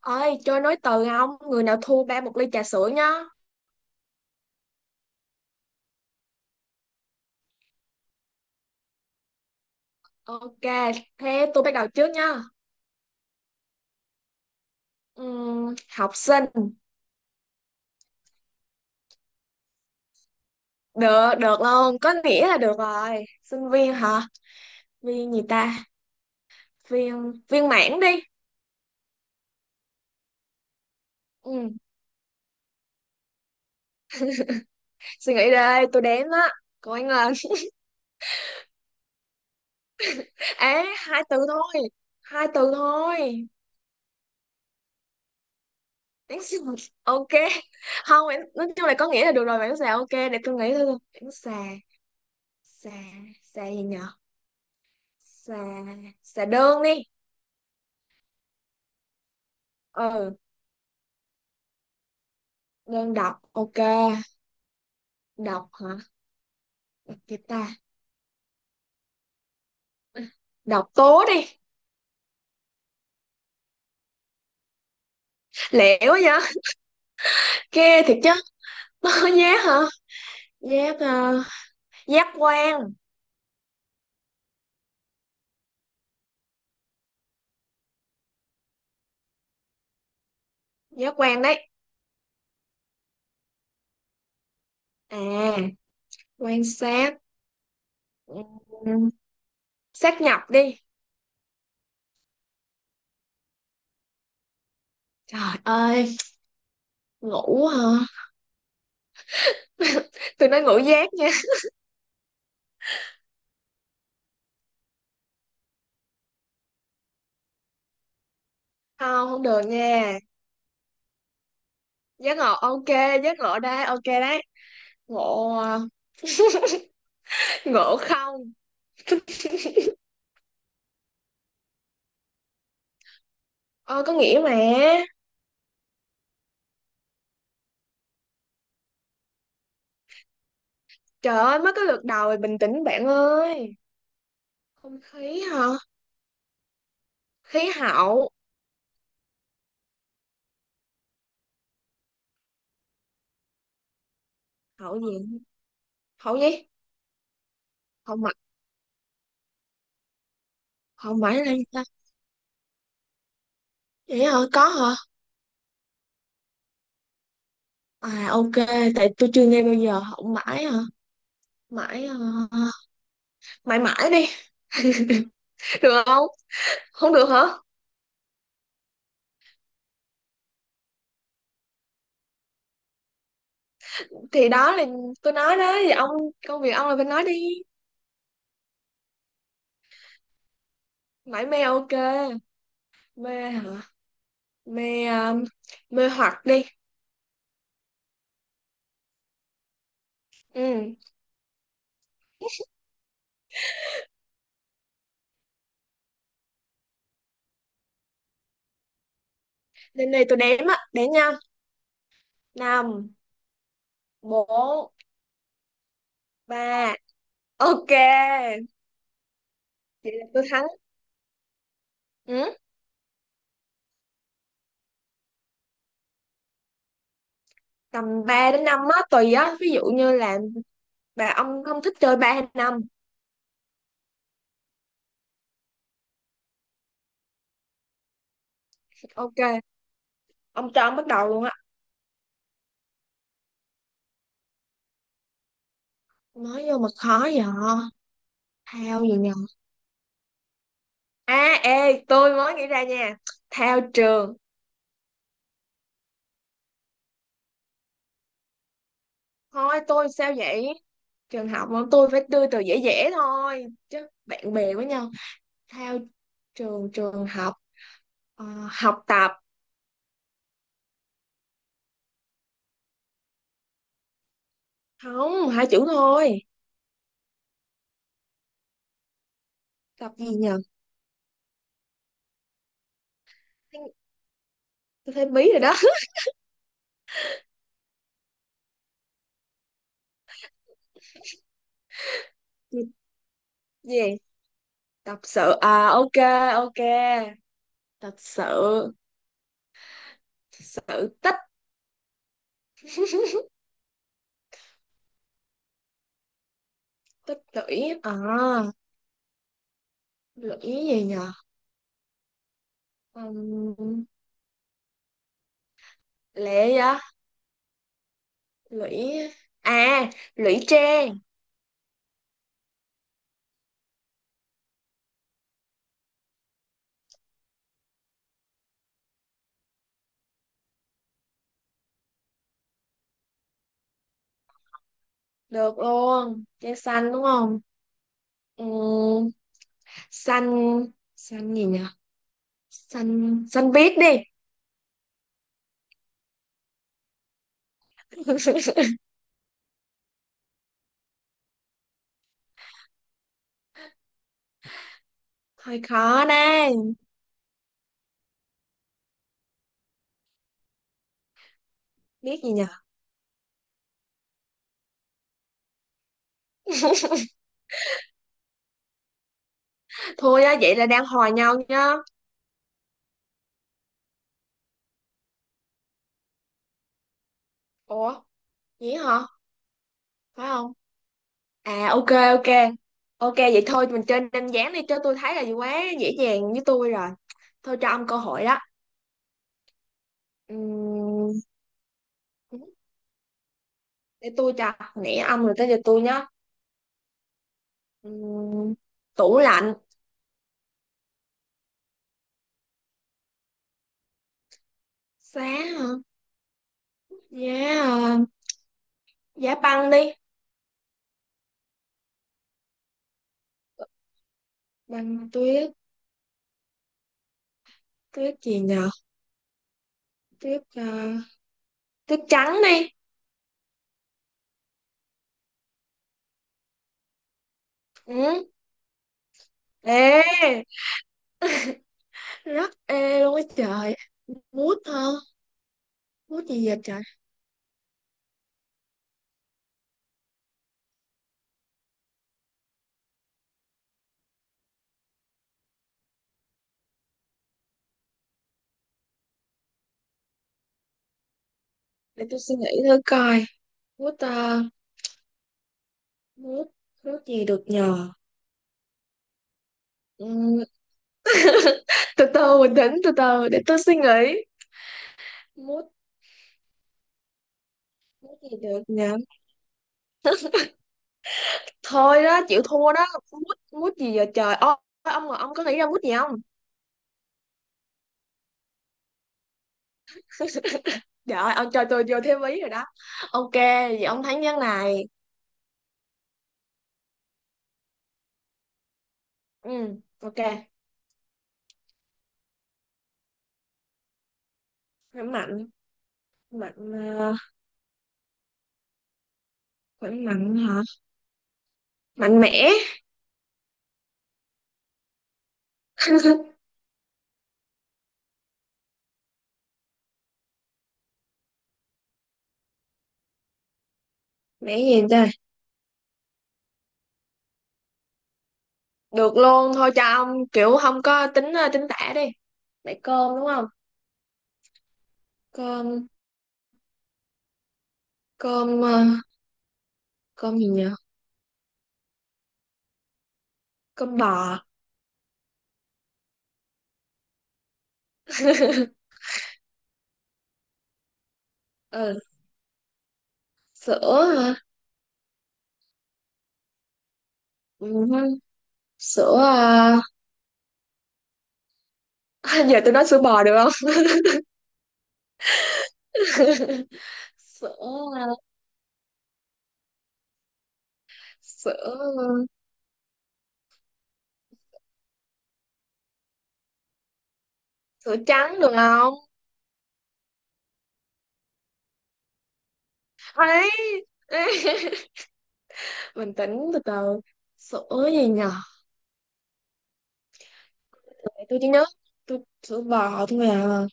Ơi, chơi nối từ không? Người nào thua ba một ly trà sữa nhá. Ok, thế tôi bắt đầu trước nhá. Học sinh. Được được luôn, có nghĩa là được rồi. Sinh viên hả? Viên gì ta? Viên, viên mãn đi. Ừm, Suy nghĩ đây, tôi đếm á. Cô anh là. Ế, hai từ thôi, hai từ thôi. Đáng sợ. Ok. Không. Nói chung là có nghĩa là được rồi. Bạn xà. Ok, để tôi nghĩ thôi. Bạn xà. Xà. Xà gì nhở? Xà. Xà đơn đi. Ừ. Đơn độc ok. Độc hả? Cái ta? Độc tố đi. Lẻo quá vậy. Ghê thiệt chứ. Nó có giác hả? Giác, giác quan. Giác quan đấy. À, quan sát. Ừm, Sát nhập đi. Trời ơi, ngủ hả? Tôi nói ngủ giác nha. Không, không được nha. Giác ngộ ok. Giác ngộ đây, ok đấy. Ngộ, ngộ không. Ờ, có nghĩa mà. Trời ơi, mới có lượt đầu rồi, bình tĩnh bạn ơi. Không khí hả? Khí hậu. Hậu gì? Hậu gì? Hậu mãi. Hậu mãi là gì ta? Vậy hả? Có hả? À ok, tại tôi chưa nghe bao giờ. Hậu mãi hả? Mãi, mãi mãi đi. Được không? Không được hả? Thì đó là tôi nói đó. Thì ông, công việc ông là phải nói đi. Mãi mê ok. Mê hả? Mê, mê hoặc đi. Ừ. Lên đây tôi đếm á. Đếm nha. Năm, bốn, ba. Ok, vậy là tôi thắng. Ừ? Tầm ba đến 5 á, tùy á. Ví dụ như là bà ông không thích chơi 3 hay năm. Ok, ông cho ông bắt đầu luôn á. Nói vô mà khó vậy. Thao gì nhờ. À, ê, tôi mới nghĩ ra nha. Thao trường. Thôi, tôi sao vậy? Trường học mà tôi phải đưa từ dễ dễ thôi. Chứ bạn bè với nhau. Thao trường, trường học. Ờ, học tập. Không, hai chữ thôi. Tập gì nhờ? Tôi thấy bí rồi đó. Gì? Tập sự à? Ok. Ok, tập sự. Sự tích. Tích lũy à? Lũy gì nhờ? um, Lệ á. Lũy à, lũy tre. Được luôn, tre xanh đúng không? um, Xanh. Xanh gì nhờ? Xanh, xanh biết đi. Hơi khó đây. Biết gì nhờ? Thôi á, vậy là đang hòa nhau nhá. Ủa, gì hả? Phải không? À ok, ok. Ok, vậy thôi mình chơi đơn giản đi cho tôi thấy là quá dễ dàng với tôi rồi. Thôi cho ông cơ hội đó. Ừm, Để tôi cho. Nãy ông rồi tới giờ tôi nhá. Ừm, Tủ lạnh. Giá hả? Giá, giá băng đi. Băng tuyết. Tuyết gì nhờ? Tuyết, tuyết trắng đi. Ừ. Ê. Rất ê luôn á trời. Mút hả? Mút gì vậy trời. Để tôi suy nghĩ thử coi. Mút, nước. Nước gì được nhờ? Ừm, Từ từ, bình tĩnh, từ từ để tôi suy nghĩ. Mút, mút gì được nhờ? Thôi đó, chịu thua đó. Mút, mút gì giờ trời. Ô, ông có nghĩ ra mút gì không? Trời ơi, ông cho tôi vô thêm ý rồi đó. Ok, vậy ông thắng ván này. Ừ. Ok, khỏe mạnh. Mạnh, ờ, khỏe mạnh hả? Mạnh mẽ. Mẽ gì đây? Được luôn, thôi cho ông kiểu không có tính, tính tả đi. Mẹ cơm đúng không? Cơm. Cơm, cơm gì nhỉ? Cơm bò. Ờ, sữa hả? Ừ, sữa. À, giờ tôi nói sữa bò được không? Sữa à? Sữa, sữa trắng được không? Ấy. Bình tĩnh, từ từ. Sữa gì nhờ? Để tôi chỉ nhớ. Tôi sữa bò thôi à?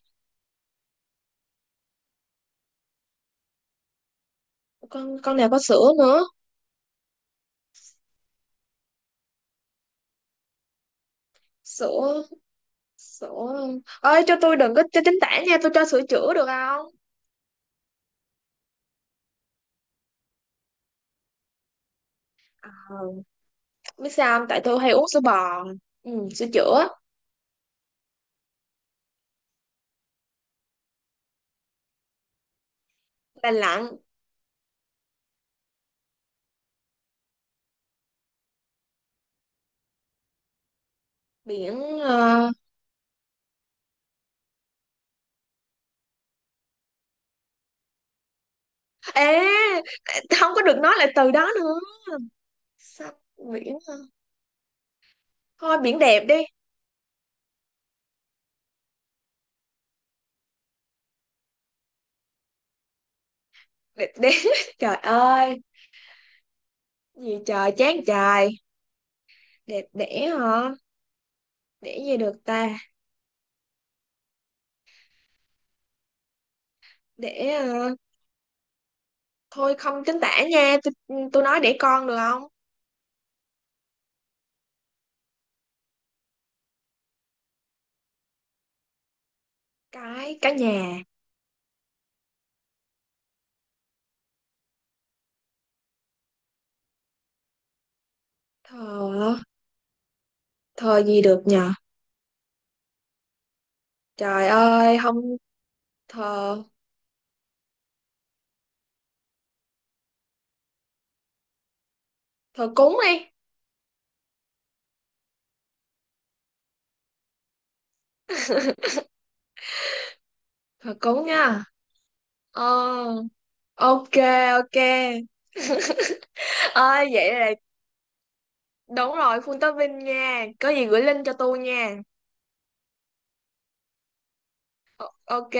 Con nào có sữa nữa? Sữa, sữa ơi, cho tôi đừng có cho tránh tả nha. Tôi cho sữa chữa được không? Ờ, biết sao không? Tại tôi hay uống sữa bò. Ừ, sữa chữa. Lành lặn. Biển, à, không có được nói lại từ đó nữa. Sắp. Biển hả? Thôi, biển đẹp đi. Đẹp đẽ. Trời ơi, gì trời chán trời. Đẹp đẽ hả? Để gì được ta? Để, thôi không chính tả nha tôi. Tôi nói để con được không? Cái nhà thờ. Thờ gì được nhờ? Trời ơi, không. Thờ thờ cúng đi. Thờ cúng nha. Ờ, ok. Ok. Ơi vậy là. Đúng rồi, full topping nha. Có gì gửi link cho tôi nha. Ok.